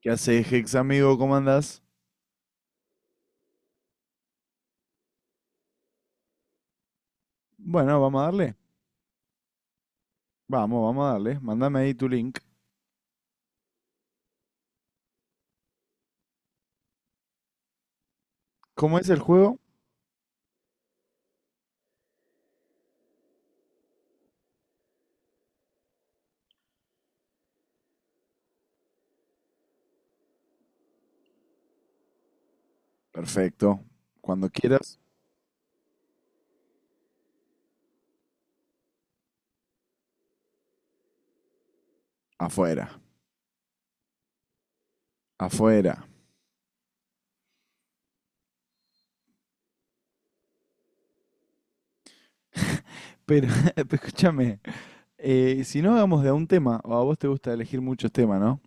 ¿Qué haces, Hex amigo? ¿Cómo andás? Bueno, vamos a darle. Vamos, vamos a darle. Mándame ahí tu link. ¿Cómo es el juego? Perfecto. Cuando quieras, afuera. Afuera. Pero, pero escúchame, si no hagamos de a un tema, o a vos te gusta elegir muchos temas, ¿no?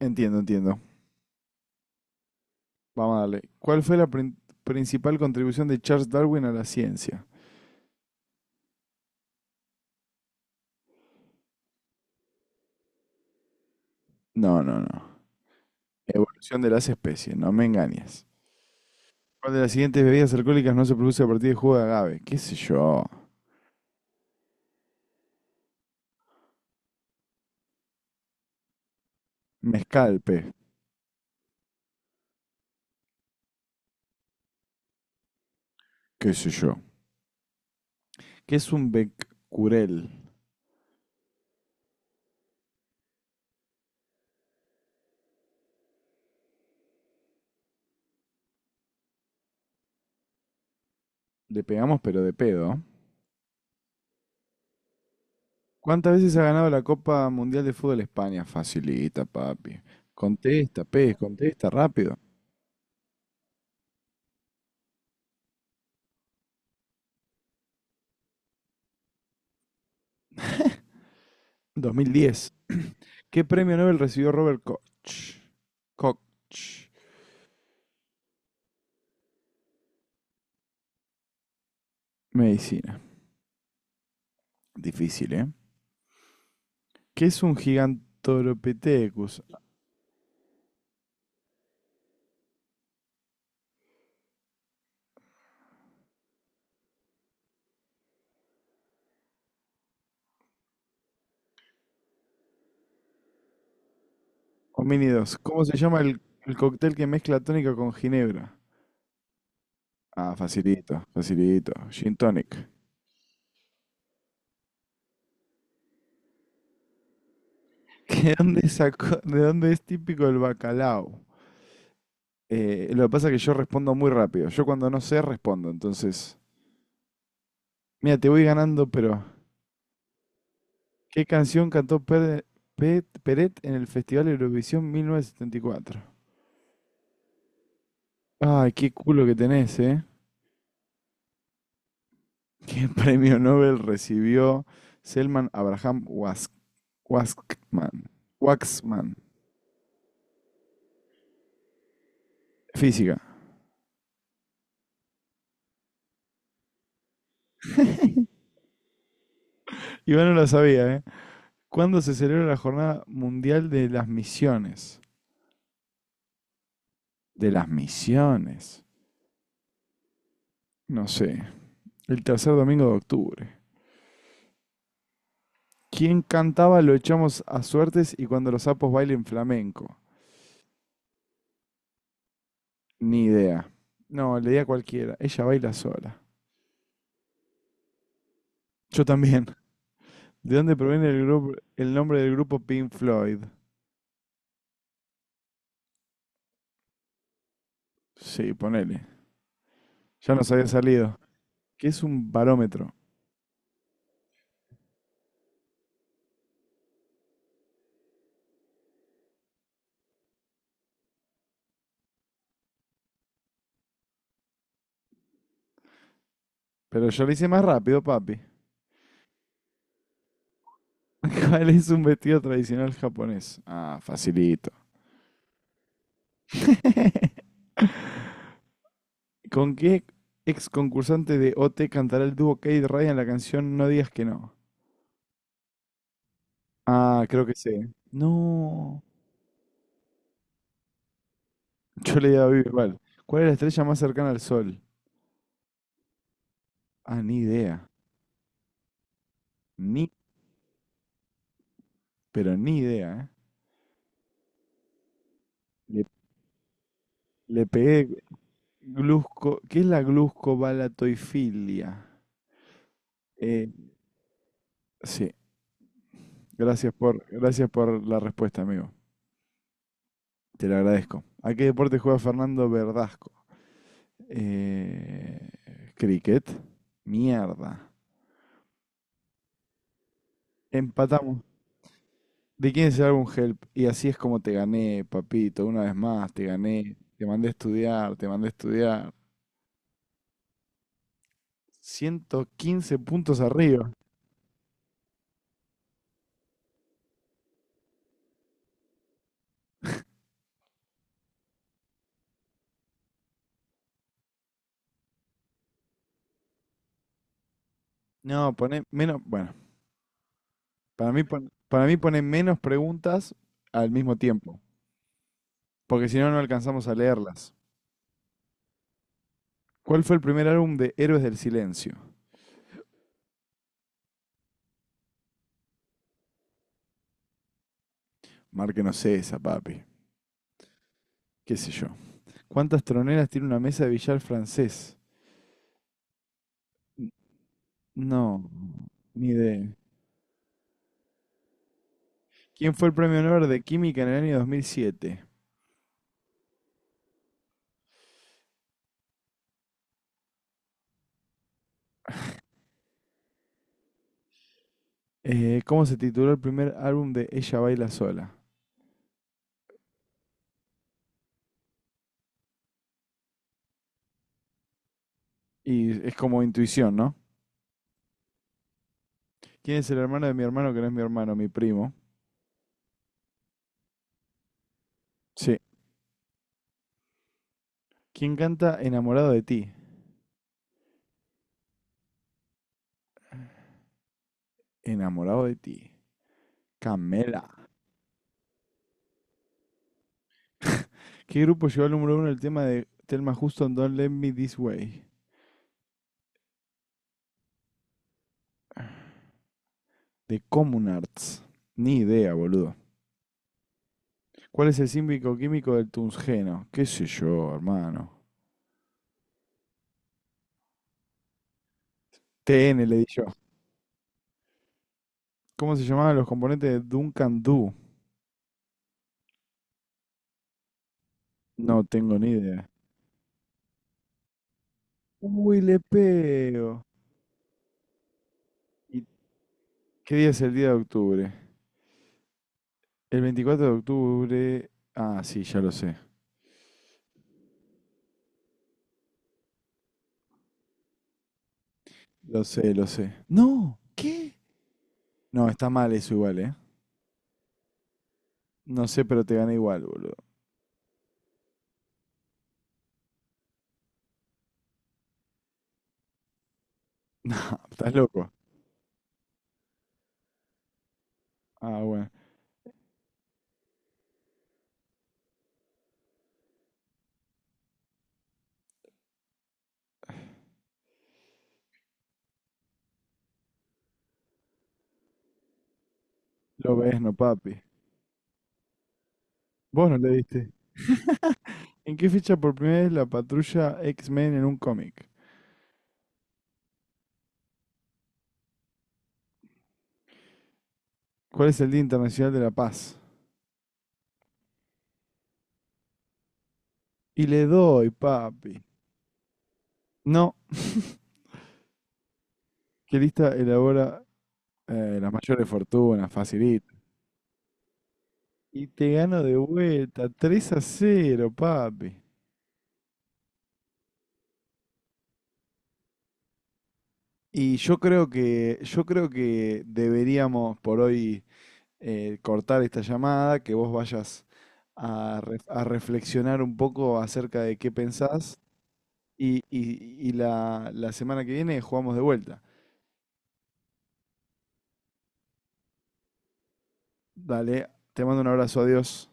Entiendo, entiendo. Vamos a darle. ¿Cuál fue la principal contribución de Charles Darwin a la ciencia? No, no, no. Evolución de las especies, no me engañes. ¿Cuál de las siguientes bebidas alcohólicas no se produce a partir de jugo de agave? ¿Qué sé yo? Mezcal, pe. Qué sé yo, que es un Becurel. Le pegamos pero de pedo. ¿Cuántas veces ha ganado la Copa Mundial de Fútbol España? Facilita, papi. Contesta, pez, contesta rápido. 2010. ¿Qué premio Nobel recibió Robert Koch? Koch. Medicina. Difícil, ¿eh? ¿Qué es un gigantopithecus? Homínidos. ¿Cómo se llama el cóctel que mezcla tónica con ginebra? Ah, facilito, facilito. Gin tonic. ¿De dónde de dónde es típico el bacalao? Lo que pasa es que yo respondo muy rápido. Yo cuando no sé, respondo. Entonces, mira, te voy ganando, pero ¿qué canción cantó Peret en el Festival Eurovisión 1974? Ay, qué culo que tenés, ¿eh? ¿Qué premio Nobel recibió Selman Abraham Waskman? Waxman. Física. Iván no lo sabía, ¿eh? ¿Cuándo se celebra la Jornada Mundial de las Misiones? De las misiones. No sé. El tercer domingo de octubre. ¿Quién cantaba Lo echamos a suertes y cuando los sapos bailen flamenco? Ni idea. No, le di a cualquiera. Ella baila sola. Yo también. ¿De dónde proviene el nombre del grupo Pink Floyd? Sí, ponele. Ya nos había salido. ¿Qué es un barómetro? Pero yo lo hice más rápido, papi. ¿Cuál es un vestido tradicional japonés? Ah, facilito. ¿Con qué ex concursante de OT cantará el dúo Kate Ryan la canción No digas que no? Ah, creo que sé. No. Yo le daba igual. ¿Cuál es la estrella más cercana al Sol? Ah, ni idea. Ni, Pero ni idea, ¿eh? Le, le pegué glusco. ¿Qué es la gluscobalatoifilia? Eh, sí. Gracias por la respuesta, amigo. Te lo agradezco. ¿A qué deporte juega Fernando Verdasco? Cricket. Mierda. Empatamos. ¿De quién es el álbum Help? Y así es como te gané, papito, una vez más, te gané. Te mandé a estudiar, te mandé a estudiar. 115 puntos arriba. No, poné menos, bueno, para mí, para mí poné menos preguntas al mismo tiempo, porque si no, no alcanzamos a leerlas. ¿Cuál fue el primer álbum de Héroes del Silencio? Márquenos esa, papi. ¿Qué sé yo? ¿Cuántas troneras tiene una mesa de billar francés? No, ni idea. ¿Quién fue el premio Nobel de Química en el año 2007? ¿Cómo se tituló el primer álbum de Ella Baila Sola? Y es como intuición, ¿no? ¿Quién es el hermano de mi hermano que no es mi hermano, mi primo? Sí. ¿Quién canta Enamorado de ti? Enamorado de ti. Camela. ¿Qué grupo llevó al número uno el tema de Thelma Houston Don't Let Me This Way? De Common Arts. Ni idea, boludo. ¿Cuál es el símbico químico del tungsteno? ¿Qué sé yo, hermano? TN le di yo. ¿Cómo se llamaban los componentes de Duncan Doo? No tengo ni idea. Uy, le pego. ¿Y qué día es el día de octubre? El 24 de octubre. Ah, sí, ya lo sé. Lo sé, lo sé. No, ¿qué? No, está mal eso igual, ¿eh? No sé, pero te gané igual, boludo. No, estás loco. Ah, bueno. Lo ves, no, papi. Vos no le diste. ¿En qué fecha por primera vez la patrulla X-Men en un cómic? ¿Cuál es el Día Internacional de la Paz? Y le doy, papi. No, ¿qué lista elabora las mayores fortunas? Facilito. Y te gano de vuelta, 3-0, papi. Y yo creo que deberíamos por hoy cortar esta llamada, que vos vayas a reflexionar un poco acerca de qué pensás y la semana que viene jugamos de vuelta. Dale, te mando un abrazo, adiós.